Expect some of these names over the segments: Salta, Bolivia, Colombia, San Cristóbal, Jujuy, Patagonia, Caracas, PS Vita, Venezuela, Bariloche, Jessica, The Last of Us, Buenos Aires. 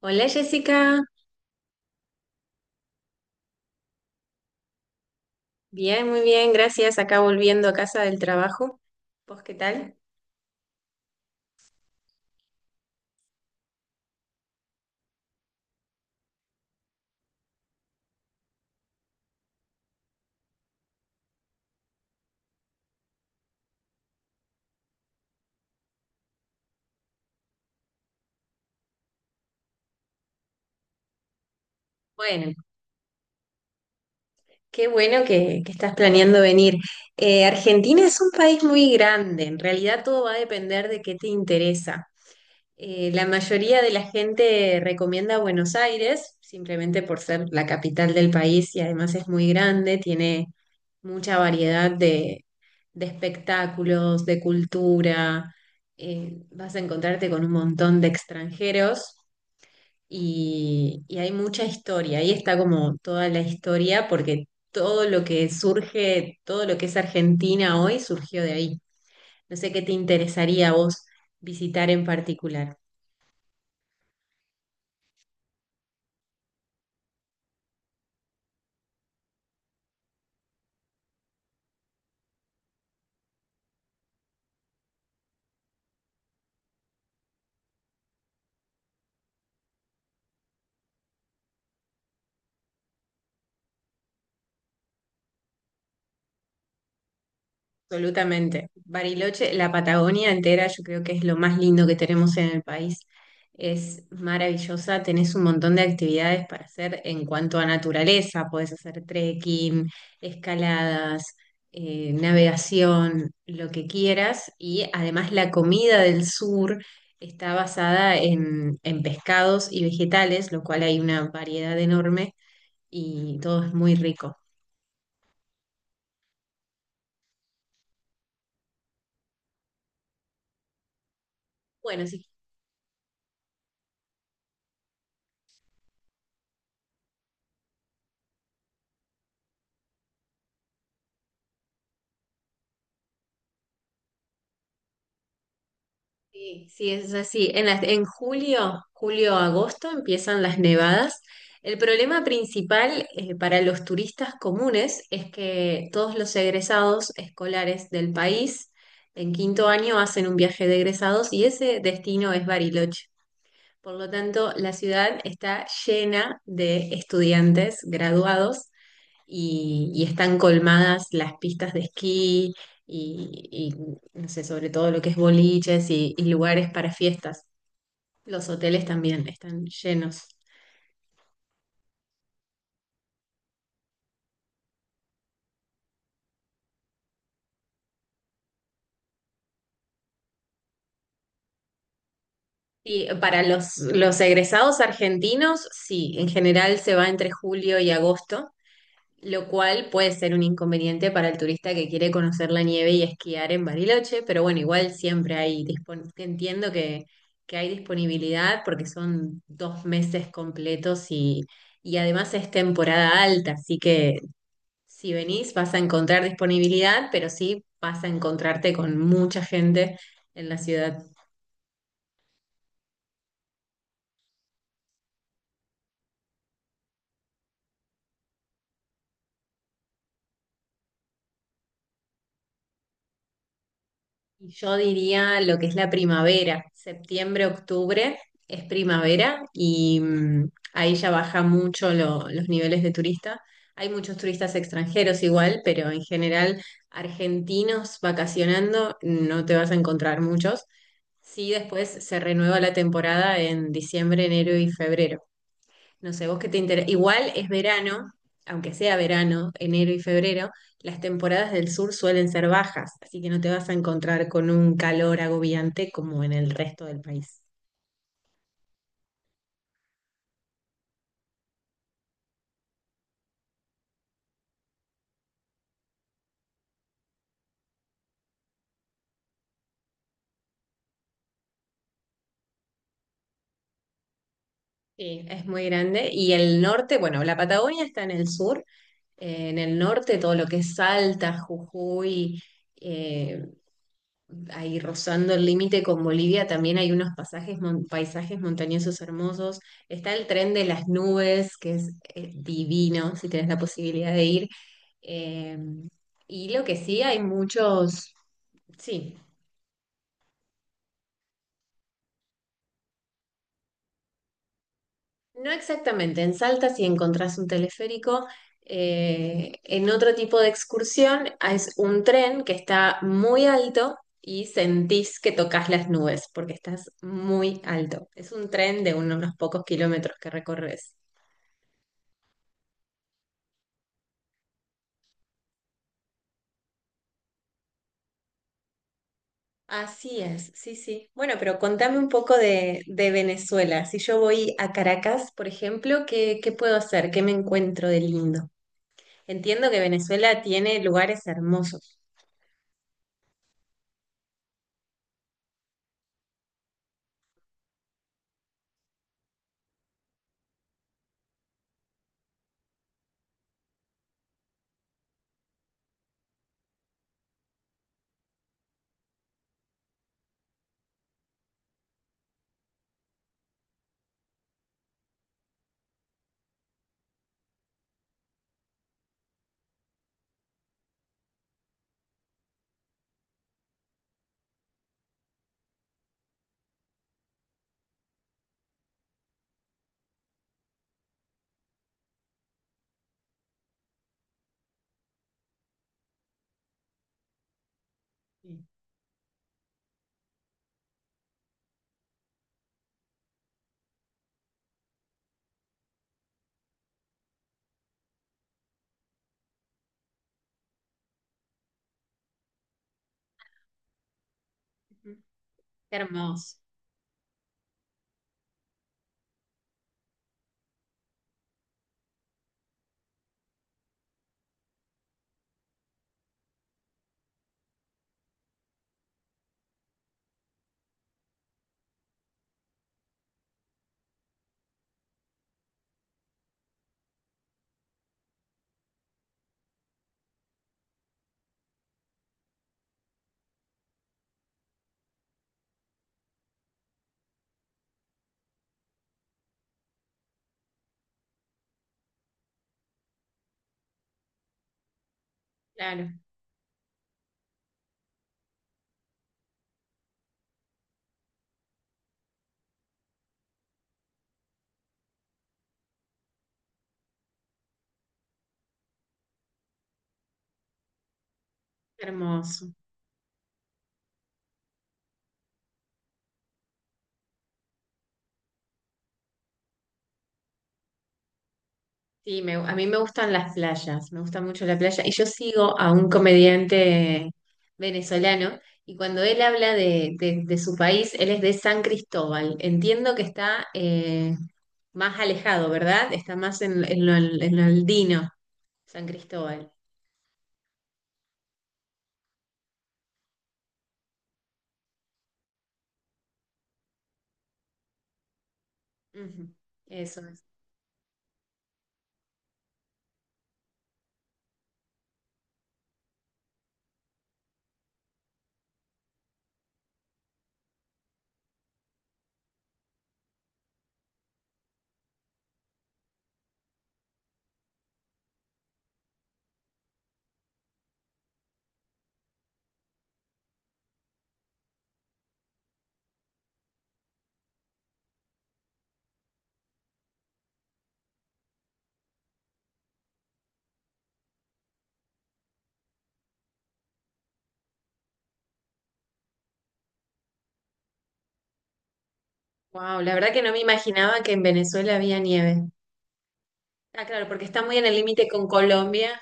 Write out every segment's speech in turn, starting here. Hola Jessica, bien, muy bien, gracias. Acá volviendo a casa del trabajo. ¿Vos qué tal? Bueno, qué bueno que estás planeando venir. Argentina es un país muy grande, en realidad todo va a depender de qué te interesa. La mayoría de la gente recomienda Buenos Aires, simplemente por ser la capital del país y además es muy grande, tiene mucha variedad de espectáculos, de cultura. Vas a encontrarte con un montón de extranjeros y hay mucha historia, ahí está como toda la historia, porque todo lo que surge, todo lo que es Argentina hoy surgió de ahí. No sé qué te interesaría a vos visitar en particular. Absolutamente. Bariloche, la Patagonia entera, yo creo que es lo más lindo que tenemos en el país. Es maravillosa, tenés un montón de actividades para hacer en cuanto a naturaleza. Podés hacer trekking, escaladas, navegación, lo que quieras. Y además la comida del sur está basada en pescados y vegetales, lo cual hay una variedad enorme y todo es muy rico. Bueno, si sí, sí, es así. En julio, julio-agosto empiezan las nevadas. El problema principal para los turistas comunes es que todos los egresados escolares del país en quinto año hacen un viaje de egresados y ese destino es Bariloche. Por lo tanto, la ciudad está llena de estudiantes graduados y están colmadas las pistas de esquí y, no sé, sobre todo lo que es boliches y lugares para fiestas. Los hoteles también están llenos. Y para los egresados argentinos, sí, en general se va entre julio y agosto, lo cual puede ser un inconveniente para el turista que quiere conocer la nieve y esquiar en Bariloche, pero bueno, igual siempre entiendo que hay disponibilidad porque son dos meses completos y además es temporada alta, así que si venís vas a encontrar disponibilidad, pero sí vas a encontrarte con mucha gente en la ciudad. Yo diría lo que es la primavera, septiembre, octubre es primavera y ahí ya baja mucho los niveles de turista. Hay muchos turistas extranjeros igual, pero en general argentinos vacacionando no te vas a encontrar muchos. Sí, después se renueva la temporada en diciembre, enero y febrero. No sé, vos qué te interesa. Igual es verano, aunque sea verano, enero y febrero, las temporadas del sur suelen ser bajas, así que no te vas a encontrar con un calor agobiante como en el resto del país. Sí, es muy grande. Y el norte, bueno, la Patagonia está en el sur. En el norte, todo lo que es Salta, Jujuy, eh, ahí rozando el límite con Bolivia, también hay unos pasajes, paisajes montañosos hermosos. Está el tren de las nubes, que es divino, si tenés la posibilidad de ir. Eh, y lo que sí, hay muchos, sí, no exactamente, en Salta si encontrás un teleférico, en otro tipo de excursión es un tren que está muy alto y sentís que tocas las nubes porque estás muy alto. Es un tren de unos pocos kilómetros que recorres. Así es, sí, sí. Bueno, pero contame un poco de Venezuela. Si yo voy a Caracas, por ejemplo, ¿qué, qué puedo hacer? ¿Qué me encuentro de lindo? Entiendo que Venezuela tiene lugares hermosos. Sí. Ujú. Qué hermoso. Claro, hermoso. Sí, a mí me gustan las playas, me gusta mucho la playa. Y yo sigo a un comediante venezolano, y cuando él habla de su país, él es de San Cristóbal. Entiendo que está más alejado, ¿verdad? Está más en lo andino, San Cristóbal. Ujú, eso es. Wow, la verdad que no me imaginaba que en Venezuela había nieve. Ah, claro, porque está muy en el límite con Colombia.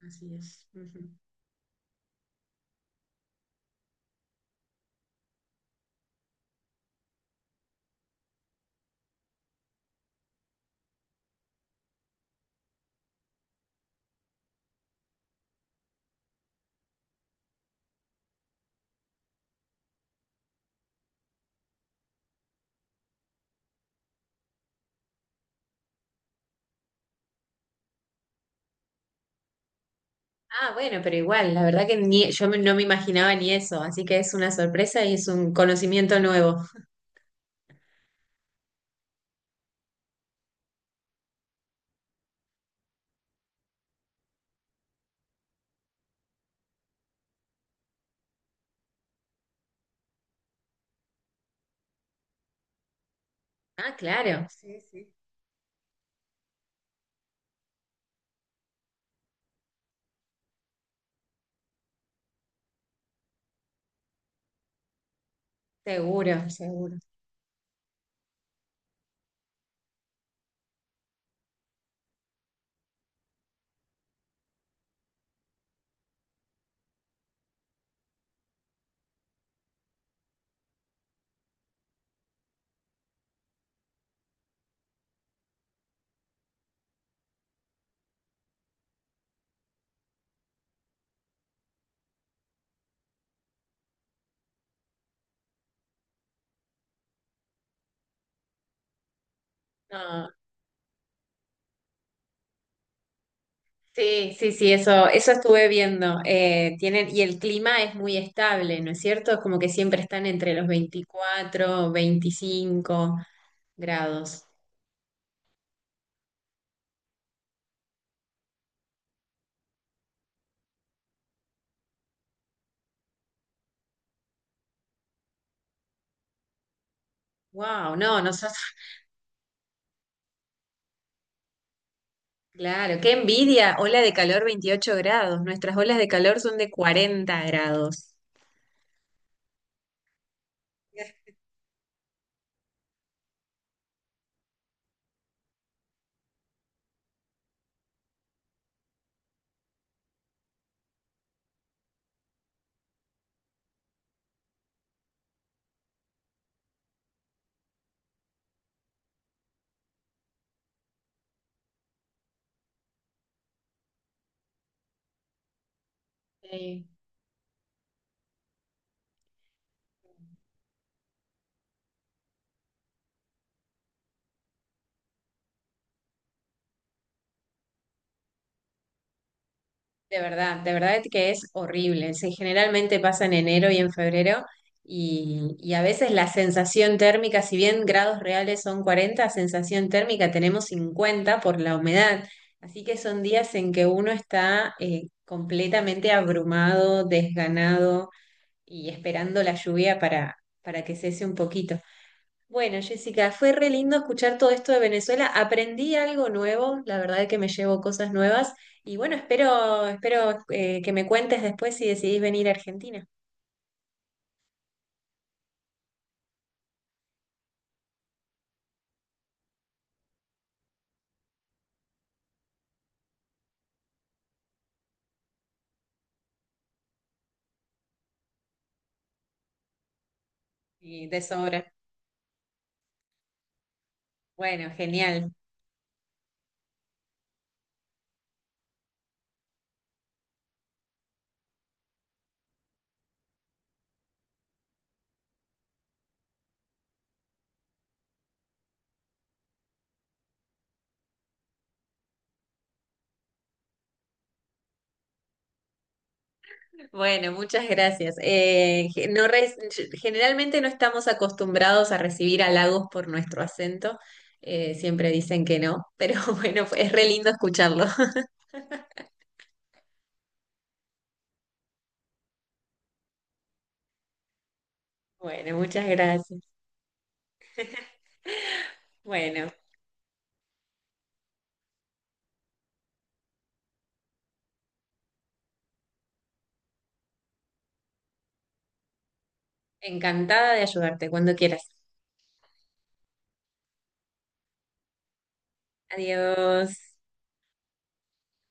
Así es. Ujú. Ah, bueno, pero igual, la verdad que ni, no me imaginaba ni eso, así que es una sorpresa y es un conocimiento nuevo. Ah, claro. Sí, sí. Seguro, seguro. No, sí, sí, sí, eso estuve viendo. Tienen, y el clima es muy estable, ¿no es cierto? Es como que siempre están entre los 24, 25 grados. Wow, no, nosotros, claro, qué envidia, ola de calor 28 grados. Nuestras olas de calor son de 40 grados. Sí. De verdad que es horrible. Sí, generalmente pasa en enero y en febrero y a veces la sensación térmica, si bien grados reales son 40, sensación térmica tenemos 50 por la humedad. Así que son días en que uno está completamente abrumado, desganado y esperando la lluvia para que cese un poquito. Bueno, Jessica, fue re lindo escuchar todo esto de Venezuela. Aprendí algo nuevo, la verdad es que me llevo cosas nuevas. Y bueno, espero, espero que me cuentes después si decidís venir a Argentina. Y de sobra. Bueno, genial. Bueno, muchas gracias. Generalmente no estamos acostumbrados a recibir halagos por nuestro acento. Siempre dicen que no, pero bueno, es re lindo escucharlo. Bueno, muchas gracias. Bueno, encantada de ayudarte cuando quieras. Adiós.